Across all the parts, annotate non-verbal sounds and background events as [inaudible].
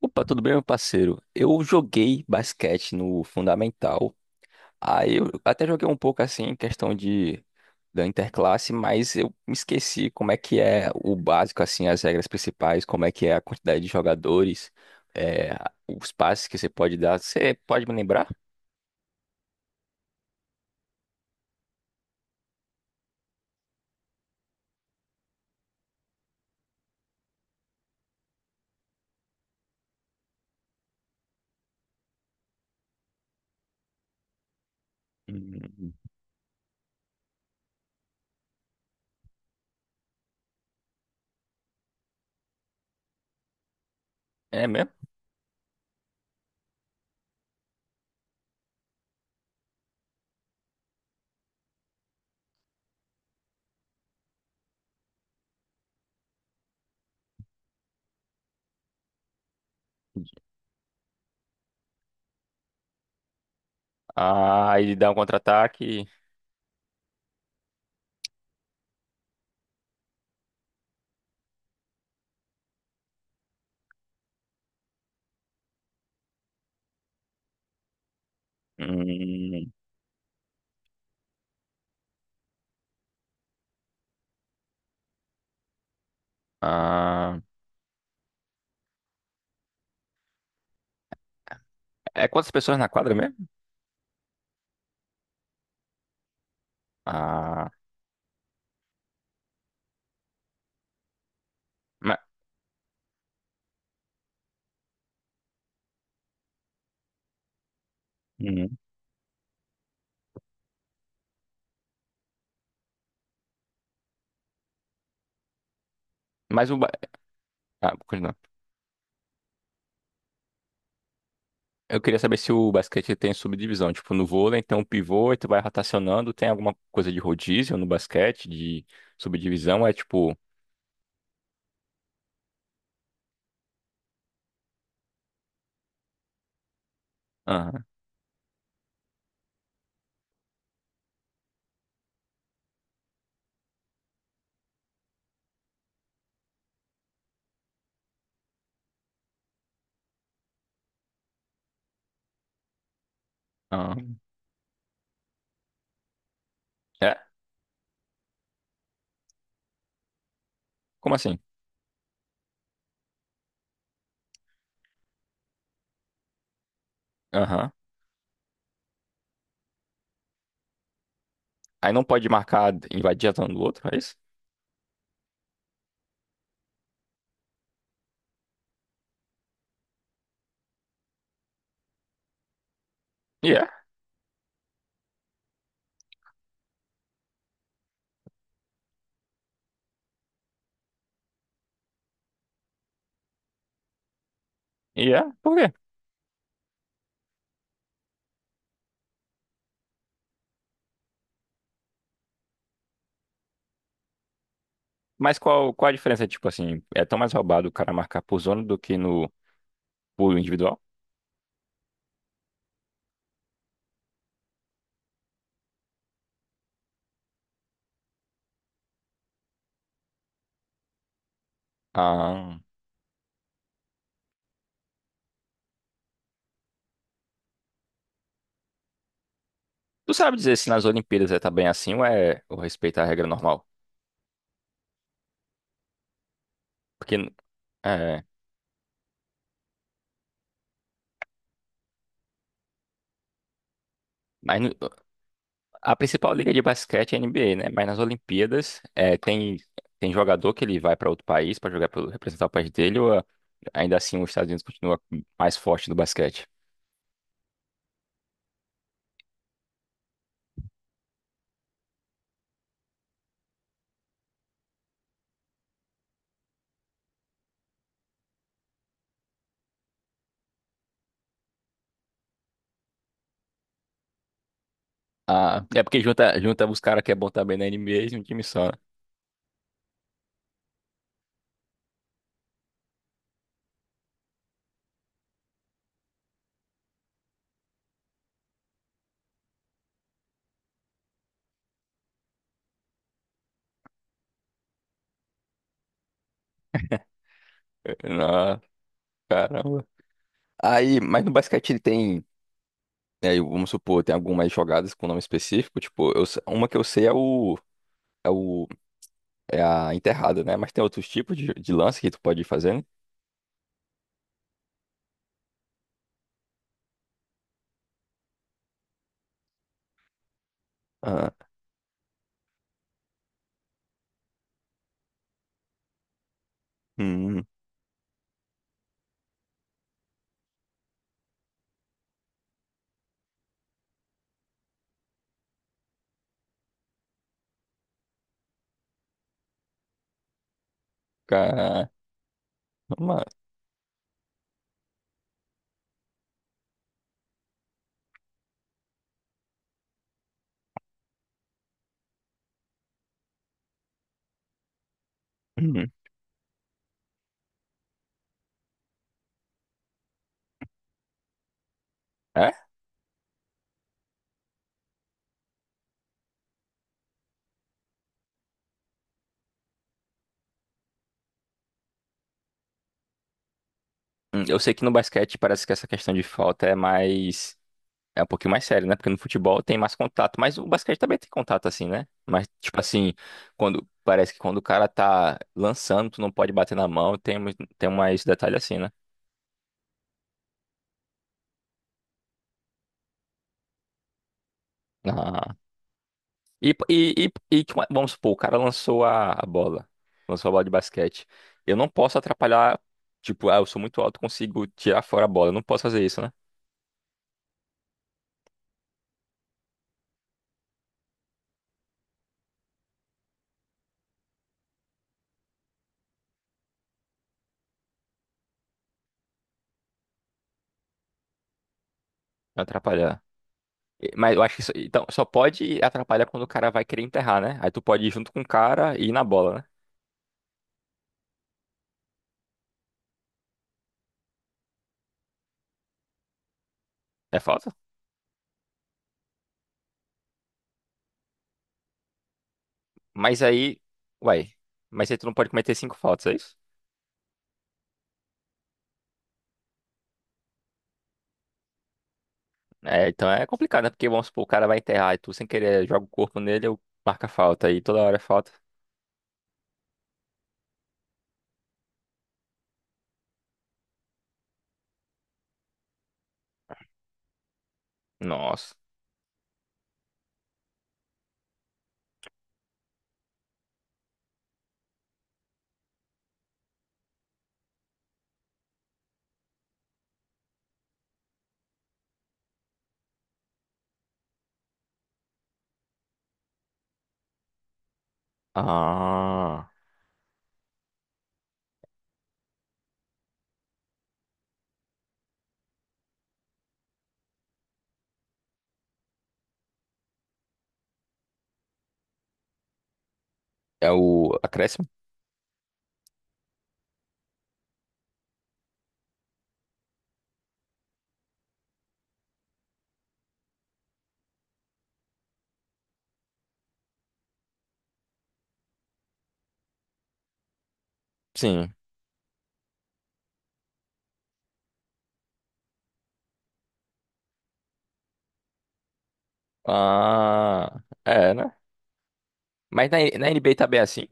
Opa, tudo bem, meu parceiro? Eu joguei basquete no Fundamental. Aí eu até joguei um pouco assim, em questão de da interclasse, mas eu me esqueci como é que é o básico, assim, as regras principais, como é que é a quantidade de jogadores, é, os passes que você pode dar. Você pode me lembrar? Hum. É mesmo? Ah, ele dá um contra-ataque. Hum, ah, é quantas pessoas na quadra mesmo? Ah, ma- hum, mas o. Ah. Eu queria saber se o basquete tem subdivisão. Tipo, no vôlei, então, pivô, e tu vai rotacionando. Tem alguma coisa de rodízio no basquete, de subdivisão? É tipo. Aham, aham. É? Como assim? Aham. Aí não pode marcar, invadir a zona do outro, é isso? E é? E é? Por quê? Mas qual, qual a diferença? Tipo assim, é tão mais roubado o cara marcar por zona do que no por individual? Ah. Tu sabe dizer se nas Olimpíadas é também assim ou é ou respeita a regra normal? Porque. É. Mas, a principal liga de basquete é a NBA, né? Mas nas Olimpíadas é, tem, tem jogador que ele vai para outro país para jogar pelo- representar o país dele, ou ah, ainda assim os Estados Unidos continua mais forte no basquete? Ah, é porque junta, junta os caras que é bom também na NBA em um time só. Né? [laughs] Ah, caramba. Aí, mas no basquete ele tem, né, vamos supor, tem algumas jogadas com nome específico, tipo, eu se- uma que eu sei é é o, é a enterrada, né? Mas tem outros tipos de lance que tu pode fazer, né? Ah, hum, caramba. Uhum. É? Hum. Eu sei que no basquete parece que essa questão de falta é mais. É um pouquinho mais sério, né? Porque no futebol tem mais contato, mas o basquete também tem contato assim, né? Mas, tipo assim, quando parece que quando o cara tá lançando, tu não pode bater na mão, tem, tem mais detalhe assim, né? Ah. E, e, e, tipo, vamos supor, o cara lançou a bola, lançou a bola de basquete. Eu não posso atrapalhar, tipo, ah, eu sou muito alto, consigo tirar fora a bola. Eu não posso fazer isso, né? Atrapalhar. E- mas eu acho que só, então, só pode atrapalhar quando o cara vai querer enterrar, né? Aí tu pode ir junto com o cara e ir na bola, né? É falta? Mas aí, uai, mas aí tu não pode cometer cinco faltas, é isso? É, então é complicado, né? Porque vamos supor, o cara vai enterrar e tu sem querer joga o corpo nele, eu marca falta, aí toda hora é falta. Nossa. Ah, é o acréscimo? Sim. Ah, é, né? Mas na, na NBA tá bem assim.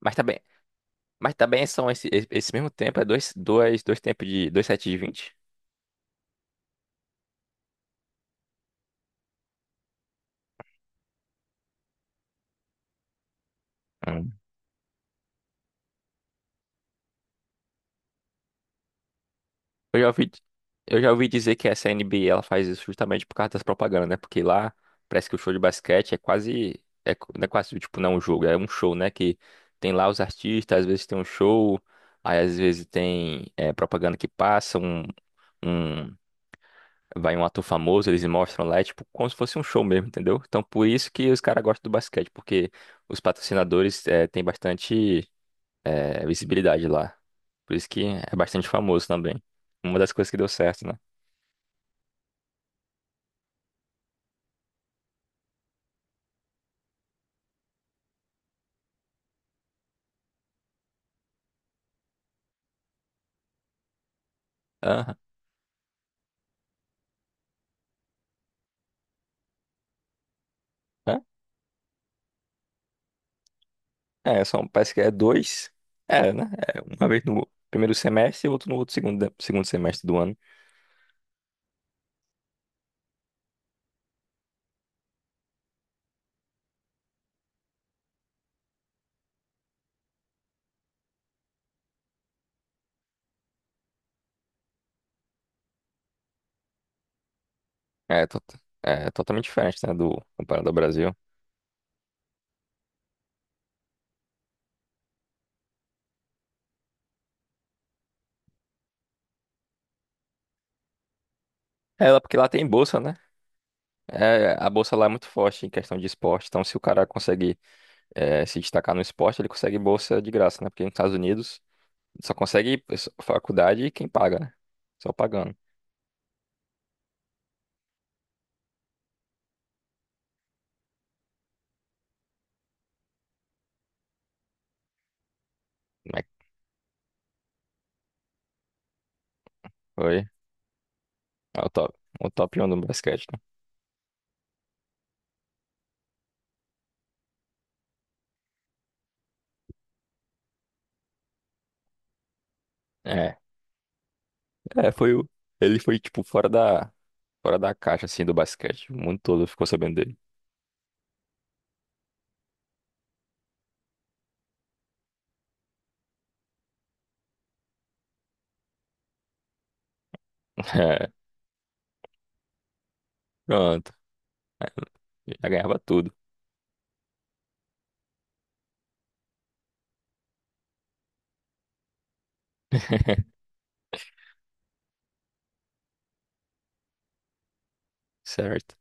Mas tá bem, mas também são esse, esse esse mesmo tempo, é dois, dois, dois tempos de dois sets de vinte? Hum. Eu já ouvi, eu já ouvi dizer que essa NBA ela faz isso justamente por causa das propagandas, né? Porque lá parece que o show de basquete é quase. É, co- não é quase, tipo, não é um jogo, é um show, né? Que tem lá os artistas, às vezes tem um show, aí às vezes tem é, propaganda que passa, um- vai um ator famoso, eles mostram lá, é tipo como se fosse um show mesmo, entendeu? Então por isso que os caras gostam do basquete, porque os patrocinadores é, têm bastante é, visibilidade lá. Por isso que é bastante famoso também. Uma das coisas que deu certo, né? Aham. É, é, são, parece que é dois. É, né? É, uma vez no primeiro semestre e outro no outro segundo, segundo semestre do ano. É, é totalmente diferente, né? Do, comparado ao Brasil. É, lá- porque lá tem bolsa, né? É, a bolsa lá é muito forte em questão de esporte. Então, se o cara consegue é, se destacar no esporte, ele consegue bolsa de graça, né? Porque nos Estados Unidos só consegue faculdade quem paga, né? Só pagando. Como é que foi? É o top 1 do basquete, né? É. É, foi o. Ele foi, tipo, fora da. Fora da caixa, assim, do basquete. O mundo todo ficou sabendo dele. [laughs] É, pronto. Já ganhava tudo. [laughs] Certo.